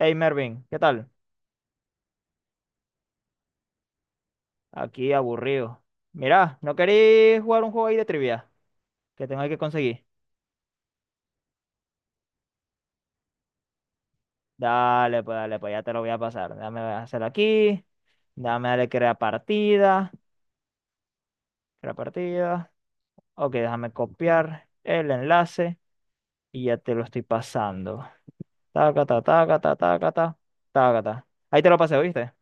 Hey Mervin, ¿qué tal? Aquí aburrido. Mirá, ¿no queréis jugar un juego ahí de trivia? Que tengo ahí que conseguir. Dale, pues ya te lo voy a pasar. Dame hacer aquí. Dame darle crear partida. Crear partida. Ok, déjame copiar el enlace y ya te lo estoy pasando. Taca, ta, taca, ta, taca, ta, taca, ta. Ahí te lo pasé, ¿viste?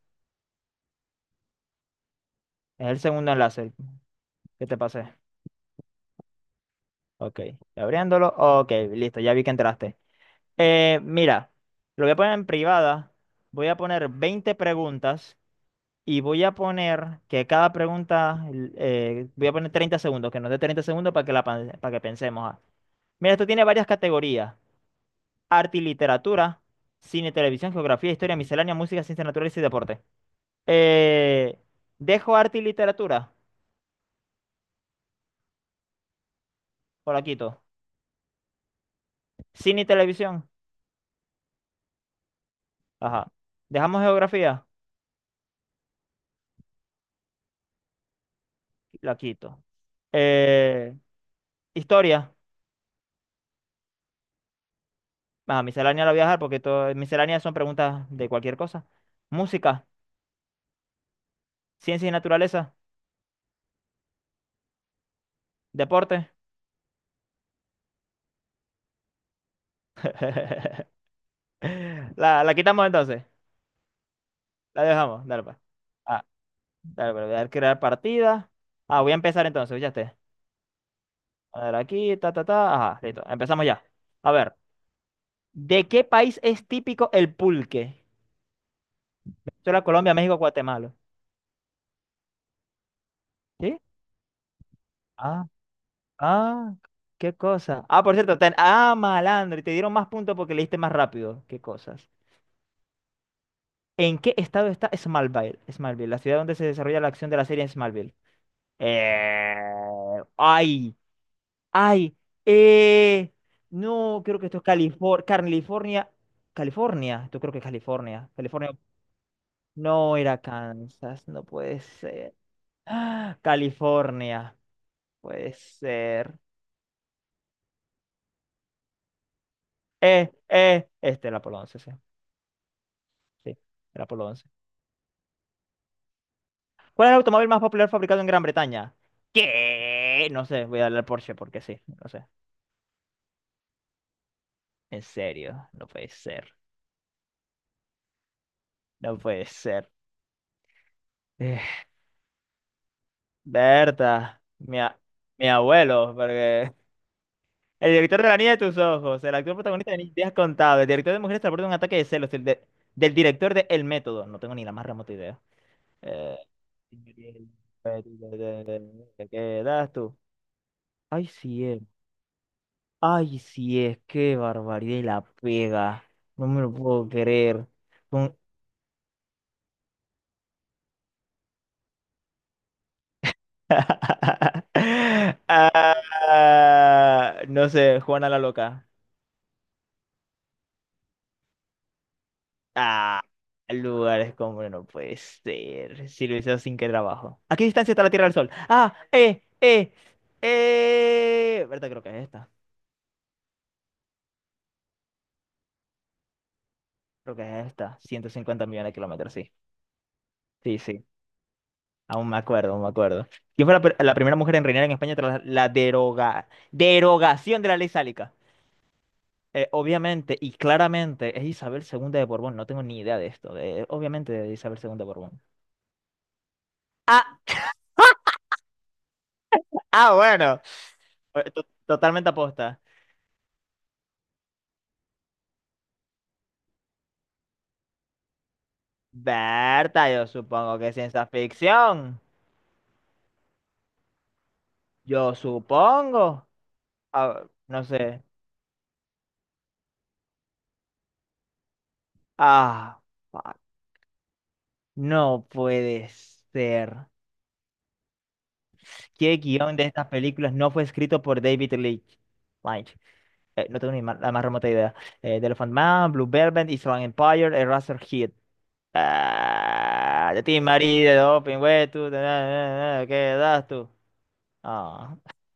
Es el segundo enlace que te pasé. Ok, abriéndolo. Ok, listo, ya vi que entraste. Mira, lo voy a poner en privada, voy a poner 20 preguntas y voy a poner que cada pregunta, voy a poner 30 segundos, que nos dé 30 segundos para que, para que pensemos. Ah. Mira, esto tiene varias categorías, arte y literatura, cine, televisión, geografía, historia, miscelánea, música, ciencias naturales y deporte. Eh, ¿Dejo arte y literatura? O la quito. ¿Cine y televisión? Ajá. ¿Dejamos geografía? La quito. Eh, ¿Historia? Ah, miscelánea la voy a dejar porque todo, misceláneas son preguntas de cualquier cosa. Música, ciencia y naturaleza, deporte. La quitamos entonces. La dejamos. Dale, pues. Ah, dale, pues, voy a dar crear partida. Ah, voy a empezar entonces, ya esté. A ver, aquí, ta, ta, ta. Ajá, listo. Empezamos ya. A ver, ¿de qué país es típico el pulque? Solo Colombia, México, Guatemala. ¿Sí? Ah, ah, qué cosa. Ah, por cierto, ten... ah, malandro, y te dieron más puntos porque leíste más rápido. Qué cosas. ¿En qué estado está Smallville? Smallville, la ciudad donde se desarrolla la acción de la serie en Smallville. Eh, ay, ay, eh, no, creo que esto es California, California, California, yo creo que es California, California, no era Kansas, no puede ser. Ah, California, puede ser. Este era Apolo 11, sí, sí, era Apolo 11. ¿Cuál es el automóvil más popular fabricado en Gran Bretaña? ¿Qué? No sé, voy a darle al Porsche porque sí, no sé. En serio, no puede ser, no puede ser. Eh, Berta, mi abuelo, porque el director de La Niña de tus Ojos, el actor protagonista de Ni Días Contados, el director de Mujeres transporta un ataque de celos, del director de El Método, no tengo ni la más remota idea. Eh, ¿Te quedas tú? Ay, sí es, ay, sí es, qué barbaridad y la pega, no me lo puedo creer. Ah, no sé, Juana la Loca. Ah, lugares como no puede ser. Si lo hice sin que trabajo. ¿A qué distancia está la Tierra del Sol? ¿Verdad? Creo que es esta. Creo que es esta. 150 millones de kilómetros, sí. Sí, sí. Aún me acuerdo, aún me acuerdo. ¿Quién fue la, la primera mujer en reinar en España tras la derogación de la ley sálica? Obviamente y claramente es Isabel II de Borbón, no tengo ni idea de esto, obviamente de Isabel II de Borbón. Ah, ah, bueno, totalmente aposta. Berta, yo supongo que es ciencia ficción, yo supongo. Ah, no sé, ah, fuck. No puede ser. ¿Qué guión de estas películas no fue escrito por David Leitch? Leitch. No tengo ni ma- la más remota idea. The Elephant Man, Blue Velvet, Island Empire, Eraserhead. Ah, yo te marido, open, güey, tú, na, na, na, ¿qué das tú? Ah,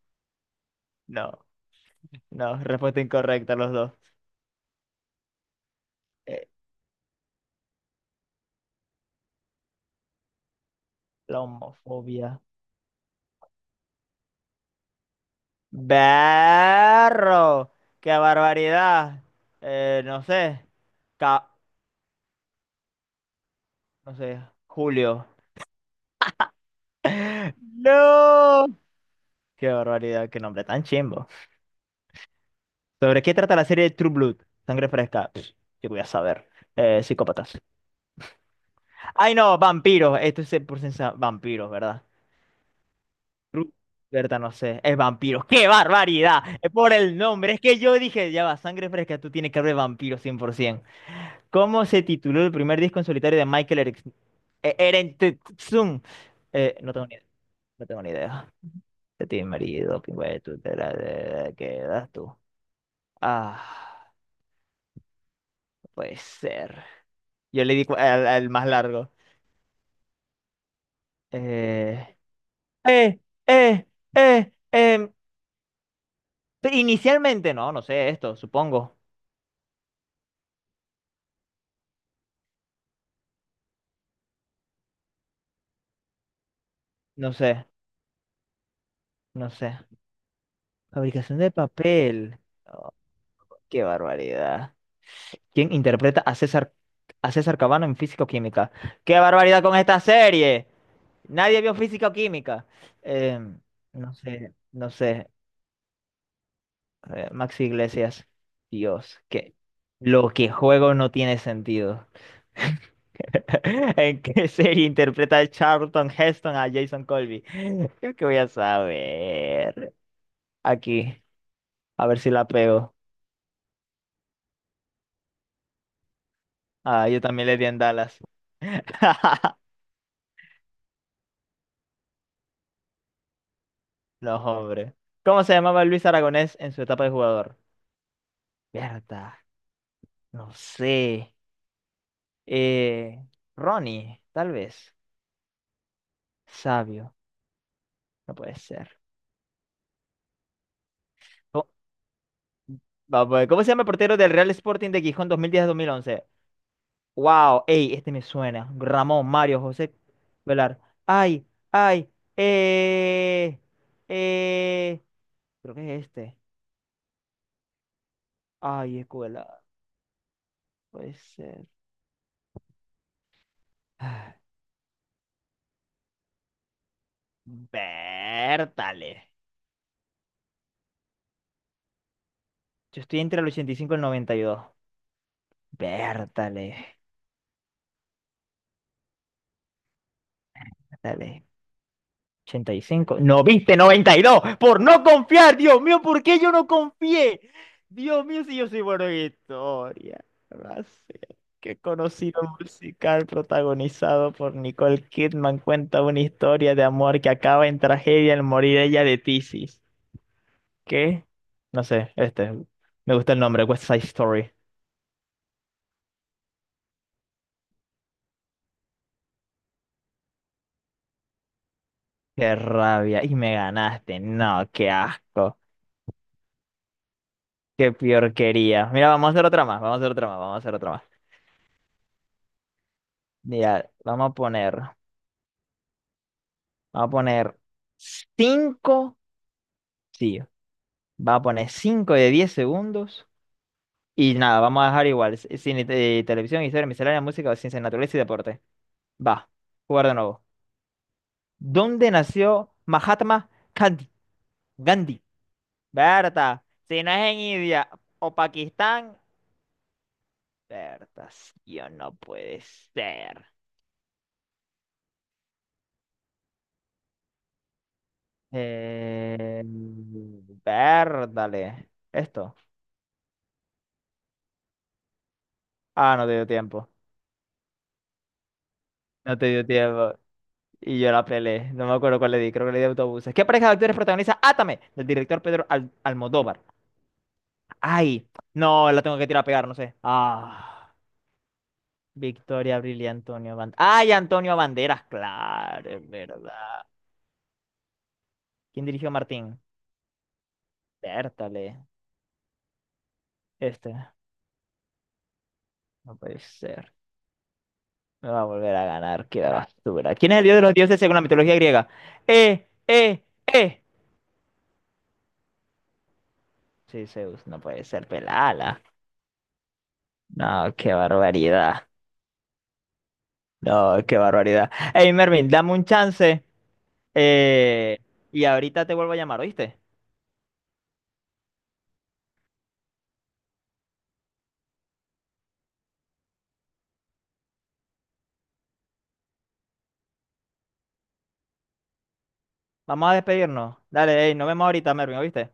no, no, respuesta incorrecta los dos. Eh, la homofobia. Berro, qué barbaridad. No sé, ca- no sé, Julio. No, qué barbaridad, qué nombre tan chimbo. ¿Sobre qué trata la serie True Blood? Sangre fresca. Pff, yo voy a saber. Psícopatas. Ay, no, vampiros. Esto es vampiros, ¿verdad? Berta, no sé, es vampiro. ¡Qué barbaridad! Es por el nombre. Es que yo dije, ya va, sangre fresca, tú tienes que hablar de vampiro 100%. ¿Cómo se tituló el primer disco en solitario de Michael Eric? Erentetsun? No tengo ni idea. No tengo ni idea. De ti, marido, pingüe, tú te la de- quedas tú. Ah, puede ser. Yo le di al más largo. Eh, eh, eh, eh, em, Inicialmente, no, no sé esto, supongo. No sé, no sé. Fabricación de papel. Oh, qué barbaridad. ¿Quién interpreta a César Cabano en Físico Química? ¡Qué barbaridad con esta serie! Nadie vio Físico Química. Em, no sé, no sé. Maxi Iglesias. Dios, que lo que juego no tiene sentido. ¿En qué serie interpreta Charlton Heston a Jason Colby? Creo que voy a saber. Aquí, a ver si la pego. Ah, yo también le di en Dallas. Los hombres. ¿Cómo se llamaba Luis Aragonés en su etapa de jugador? Berta, no sé. Eh, Ronnie, tal vez. Sabio, no puede ser. Co- Vamos a ver, ¿cómo se llama el portero del Real Sporting de Gijón 2010-2011? Wow, ey, este me suena. Ramón, Mario, José Velar. Ay, ay, eh, eh. Creo que es este. Ay, escuela, puede ser. Vértale. Yo estoy entre el 85 y cinco y el 92. Vértale. Vértale. 85 no viste 92 por no confiar. Dios mío, ¿por qué yo no confié? Dios mío, si yo soy bueno en historia. No sé. Qué conocido musical protagonizado por Nicole Kidman cuenta una historia de amor que acaba en tragedia al morir ella de tisis. ¿Qué? No sé, este. Me gusta el nombre, West Side Story. Qué rabia. Y me ganaste. No, qué asco. Qué porquería. Mira, vamos a hacer otra más. Vamos a hacer otra más. Vamos a hacer otra más. Mira, vamos a poner. Vamos a poner 5, sí, vamos a poner 5 de 10 segundos. Y nada, vamos a dejar igual. Cine, televisión, historia, miscelánea, música, ciencia, naturaleza y deporte. Va, jugar de nuevo. ¿Dónde nació Mahatma Gandhi? Gandhi. Berta, si no es en India o Pakistán, Vertación, no puede ser. Verdale. Esto. Ah, no te dio tiempo. No te dio tiempo. Y yo la pelé. No me acuerdo cuál le di. Creo que le di autobuses. ¿Qué pareja de actores protagoniza Átame? Del director Almodóvar. Ay, no, la tengo que tirar a pegar, no sé. Ah, Victoria Abril y Antonio Banderas. Ay, Antonio Banderas, claro, es verdad. ¿Quién dirigió Martín? Vértale. Este. No puede ser. Me va a volver a ganar, qué basura. ¿Quién es el dios de los dioses según la mitología griega? Eh, eh, eh. Sí, Zeus, no puede ser pelala. No, qué barbaridad. No, qué barbaridad. Hey, Mervin, dame un chance. eh, y ahorita te vuelvo a llamar, ¿oíste? Vamos a despedirnos. Dale, hey, nos vemos ahorita, Mervin, ¿oíste?